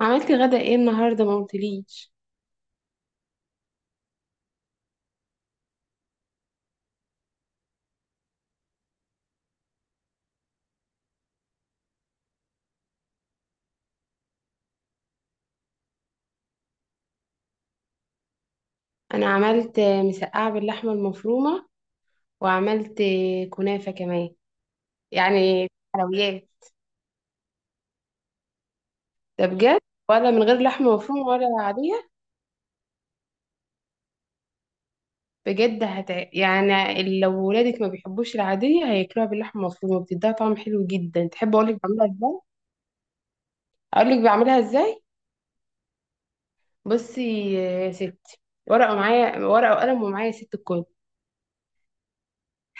عملت غدا ايه النهارده؟ ما قلتليش. انا عملت مسقعه باللحمه المفرومه، وعملت كنافه كمان، يعني حلويات. ده بجد؟ ولا من غير لحمه مفرومه ولا عاديه؟ بجد! يعني لو ولادك ما بيحبوش العاديه، هياكلوها باللحمه المفرومه، بتديها طعم حلو جدا. تحب اقولك بعملها ازاي؟ اقولك بعملها ازاي. بصي يا ستي، ورقه، معايا ورقه وقلم، ومعايا ست الكل.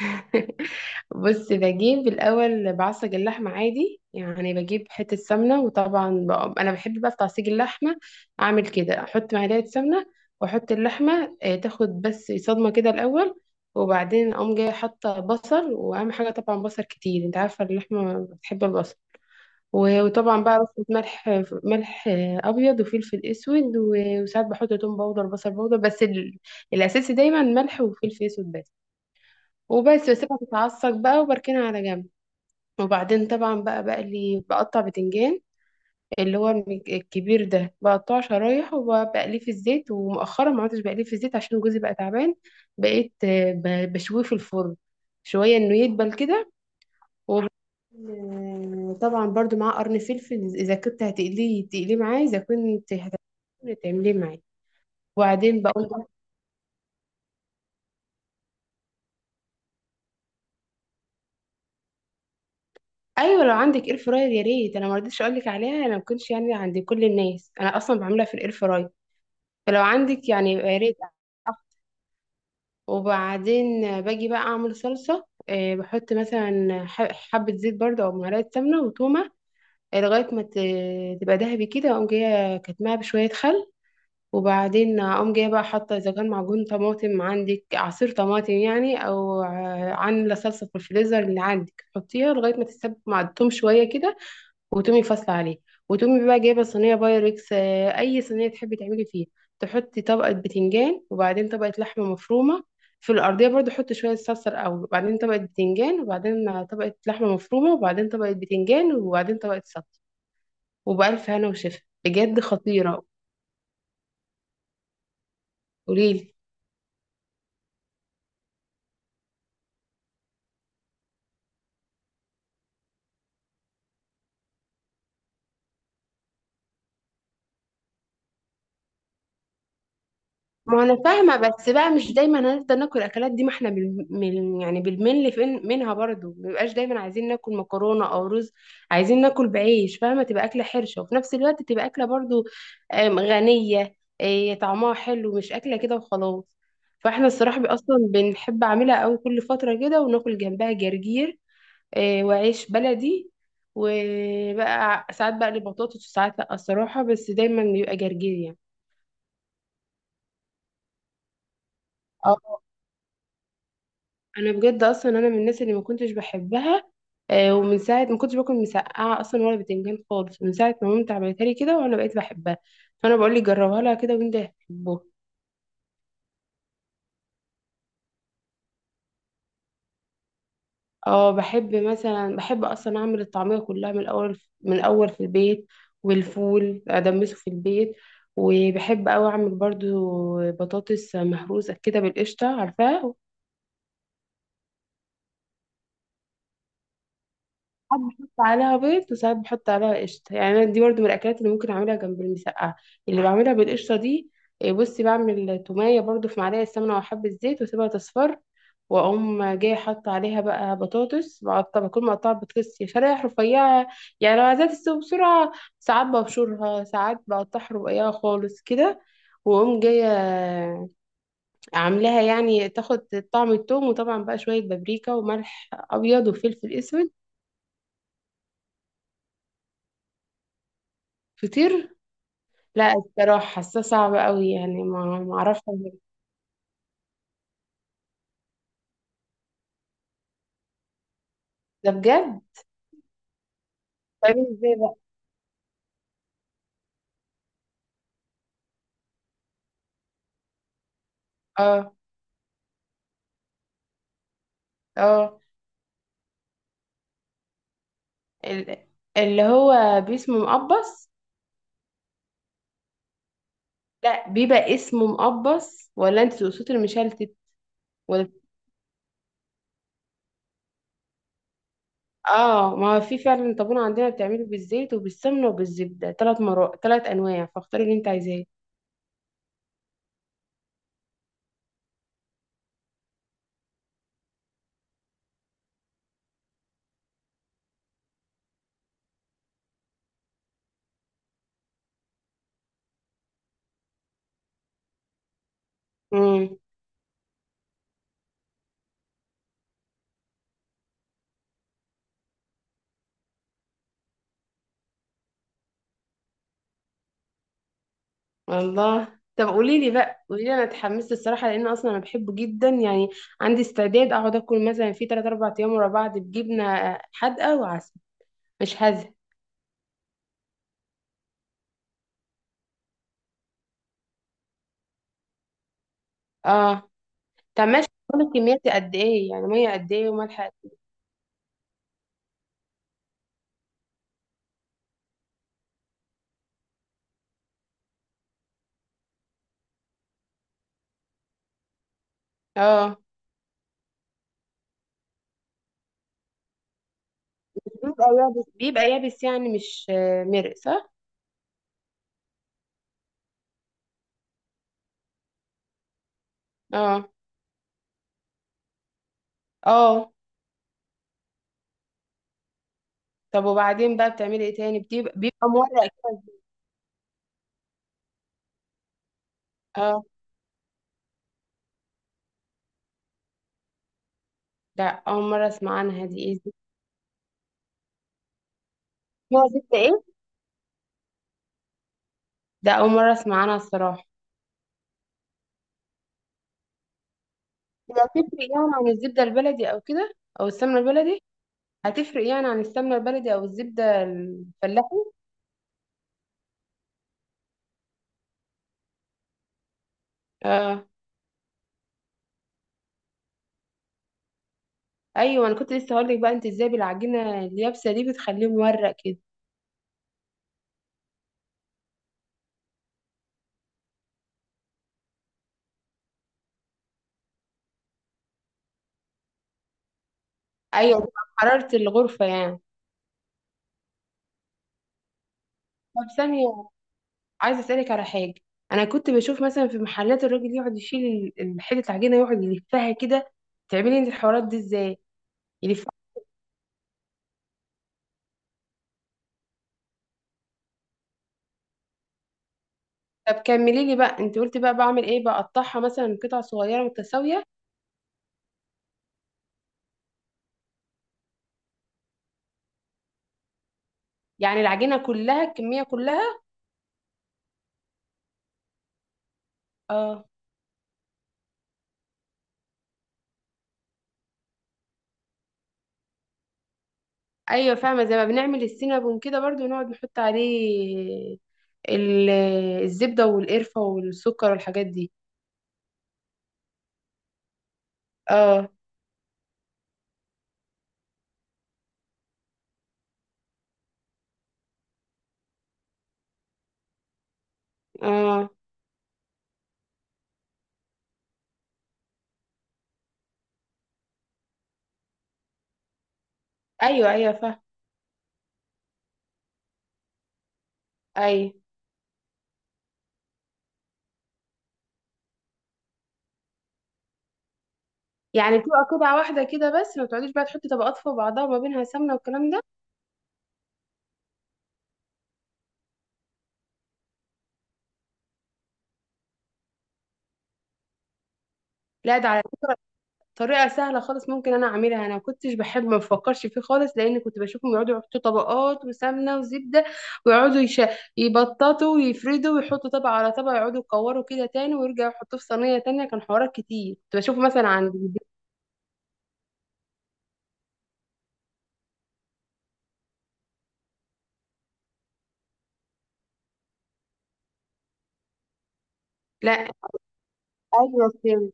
بص، بجيب الأول بعصج اللحمة عادي، يعني بجيب حتة سمنة، وطبعا بقى أنا بحب بقى في تعصيج اللحمة أعمل كده، أحط معلقة سمنة وأحط اللحمة، تاخد بس صدمة كده الأول. وبعدين أقوم جاية حاطة بصل، وأهم حاجة طبعا بصل كتير، أنت عارفة اللحمة بتحب البصل. و- وطبعا بقى بحط ملح أبيض وفلفل أسود، و- وساعات بحط توم باودر بصل باودر، بس الأساسي دايما ملح وفلفل أسود بس. وبس بسيبها تتعصج بقى وبركنها على جنب. وبعدين طبعا بقى بقلي، بقطع بتنجان، اللي هو الكبير ده، بقطعه شرايح وبقليه في الزيت. ومؤخرا ما عدتش بقليه في الزيت عشان جوزي بقى تعبان، بقيت بشويه في الفرن، شوية انه يدبل كده. وب- آه، طبعا برضو معاه قرن فلفل، اذا كنت هتقليه تقليه معاه، اذا كنت هتعمليه تعمليه معاه. وبعدين بقول، ايوه لو عندك اير فراير يا ريت. انا ما رضيتش اقول لك عليها، انا ما كنتش يعني عند كل الناس، انا اصلا بعملها في الاير فراير، فلو عندك يعني يا ريت. وبعدين باجي بقى اعمل صلصه، بحط مثلا حبه زيت برده او معلقه سمنه وتومه، لغايه ما تبقى ذهبي كده، اقوم جايه كاتماها بشويه خل. وبعدين اقوم جايه بقى حاطه، اذا كان معجون طماطم عندك، عصير طماطم يعني، او عامله صلصه في الفريزر اللي عندك، حطيها لغايه ما تتسبك مع التوم شويه كده، وتقومي فاصله عليه. وتقومي بقى جايبه صينيه بايركس، اي صينيه تحبي تعملي فيها، تحطي طبقه بتنجان وبعدين طبقه لحمه مفرومه. في الارضيه برضو حطي شويه صلصه الاول، وبعدين طبقه بتنجان، وبعدين طبقه لحمه مفرومه، وبعدين طبقه بتنجان، وبعدين طبقه صلصه. وبالف هنا وشفا، بجد خطيره. قوليلي. ما انا فاهمه، بس بقى مش دايما هنفضل ناكل الاكلات دي، ما احنا يعني بالملي فين منها، برضو ما بيبقاش دايما عايزين ناكل مكرونه او رز، عايزين ناكل بعيش فاهمه، تبقى اكله حرشه وفي نفس الوقت تبقى اكله برضو غنيه، طعمها حلو، مش اكله كده وخلاص. فاحنا الصراحه اصلا بنحب اعملها قوي كل فتره كده، وناكل جنبها جرجير، وعيش بلدي، وبقى ساعات بقلي بطاطس وساعات لا الصراحه، بس دايما بيبقى جرجير. يعني انا بجد اصلا انا من الناس اللي ما كنتش بحبها، ومن ساعه ما كنتش باكل مسقعه اصلا ولا بتنجان خالص، من ساعه ما مامتي عملتها لي كده، وانا بقيت بحبها. فانا بقول لك جربها لها كده وانت هتحبها. اه، بحب مثلا، بحب اصلا اعمل الطعميه كلها من الاول، من الاول في البيت، والفول ادمسه في البيت، وبحب اوي اعمل برضو بطاطس مهروسه كده بالقشطه، عارفاها؟ ساعات بحط عليها بيض وساعات بحط عليها قشطة، يعني أنا دي برضو من الأكلات اللي ممكن أعملها جنب المسقعة، اللي بعملها بالقشطة دي. إيه، بصي، بعمل تومية برضو في معلقة سمنة وحبة زيت، وأسيبها تصفر، وأقوم جاية حاطة عليها بقى بطاطس، بقطع، بكون مقطعة بطاطس يا شرايح رفيعة، يعني لو عايزاها تستوي بسرعة. ساعات ببشرها، ساعات بقطعها رقيقة خالص كده. وأقوم جاية عاملاها يعني تاخد طعم التوم، وطبعا بقى شوية بابريكا وملح أبيض وفلفل أسود. فطير؟ لا الصراحة حاسة صعبة قوي، يعني ما اعرفش أعمل. ده بجد؟ طيب ازاي بقى؟ اه، اه، ال- اللي هو باسمه مقبص. لا بيبقى اسمه مقبص، ولا انت تقصدي المشلتت؟ ولا. اه، ما هو في فعلا طابونة عندنا بتعمله بالزيت وبالسمنة وبالزبدة، ثلاث مرات، ثلاث انواع، فاختاري اللي انت عايزاه. امم والله. طب قولي لي بقى، قولي لي، انا اتحمست الصراحه، لان اصلا انا بحبه جدا، يعني عندي استعداد اقعد اكل مثلا في 3 4 ايام ورا بعض بجبنه حادقه وعسل، مش هذا. اه، طب ماشي، بتكون الكمية دي قد ايه؟ يعني مية قد ايه وملح قد ايه؟ اه، بيبقى يابس، بيبقى يابس يعني، مش مرق، صح؟ اه، اه. طب وبعدين بقى بتعملي ايه تاني، بتبقى بيبقى مورق كده؟ اه. ده اول مرة اسمع عنها، دي ايه دي؟ اسمها زبدة ايه؟ ده اول مرة اسمع عنها الصراحة. هي هتفرق يعني عن الزبدة البلدي او كده، او السمنة البلدي؟ هتفرق يعني عن السمنة البلدي او الزبدة الفلاحي؟ اه. ايوه، انا كنت لسه هقول لك بقى، انت ازاي بالعجينة اليابسة دي بتخليه مورق كده؟ ايوه، حرارة الغرفة يعني. طب ثانية، عايزة اسألك على حاجة. انا كنت بشوف مثلا في محلات الراجل يقعد يشيل حتة العجينة، يقعد يلفها كده، تعملي انت الحوارات دي ازاي؟ يلفها. طب كملي لي بقى، انت قلتي بقى بعمل ايه، بقطعها مثلا قطع صغيرة متساوية؟ يعني العجينة كلها، الكمية كلها؟ اه. ايوه فاهمة، زي ما بنعمل السينابون كده برضو، نقعد نحط عليه ال- الزبدة والقرفة والسكر والحاجات دي. اه، اه. ايوه، ايوه فاهمة. ايوه، يعني بتبقى قطعة واحدة كده بس؟ ما بتقعديش بقى تحطي طبقات فوق بعضها وما بينها سمنة والكلام ده؟ لا، ده على فكرة طريقة سهلة خالص، ممكن أنا أعملها. أنا ما كنتش بحب، ما بفكرش فيه خالص، لأن كنت بشوفهم يقعدوا يحطوا طبقات وسمنة وزبدة، ويقعدوا يبططوا ويفردوا ويحطوا طبقة على طبقة، يقعدوا يكوروا كده تاني ويرجعوا يحطوه في صينية تانية، كان حوارات كتير كنت بشوفه مثلا عند جدتي. لا. أيوة فهمت.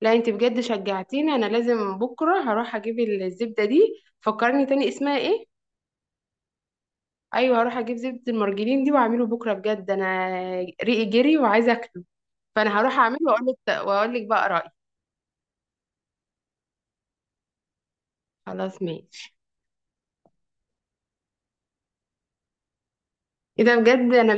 لا أنت بجد شجعتيني، أنا لازم بكرة هروح أجيب الزبدة دي. فكرني تاني اسمها إيه؟ ايوه، هروح اجيب زبدة المرجلين دي واعمله بكرة، بجد انا ريقي جري وعايزة اكله. فانا هروح اعمله، واقول لك بقى رأيي. خلاص ماشي. ايه ده، بجد انا.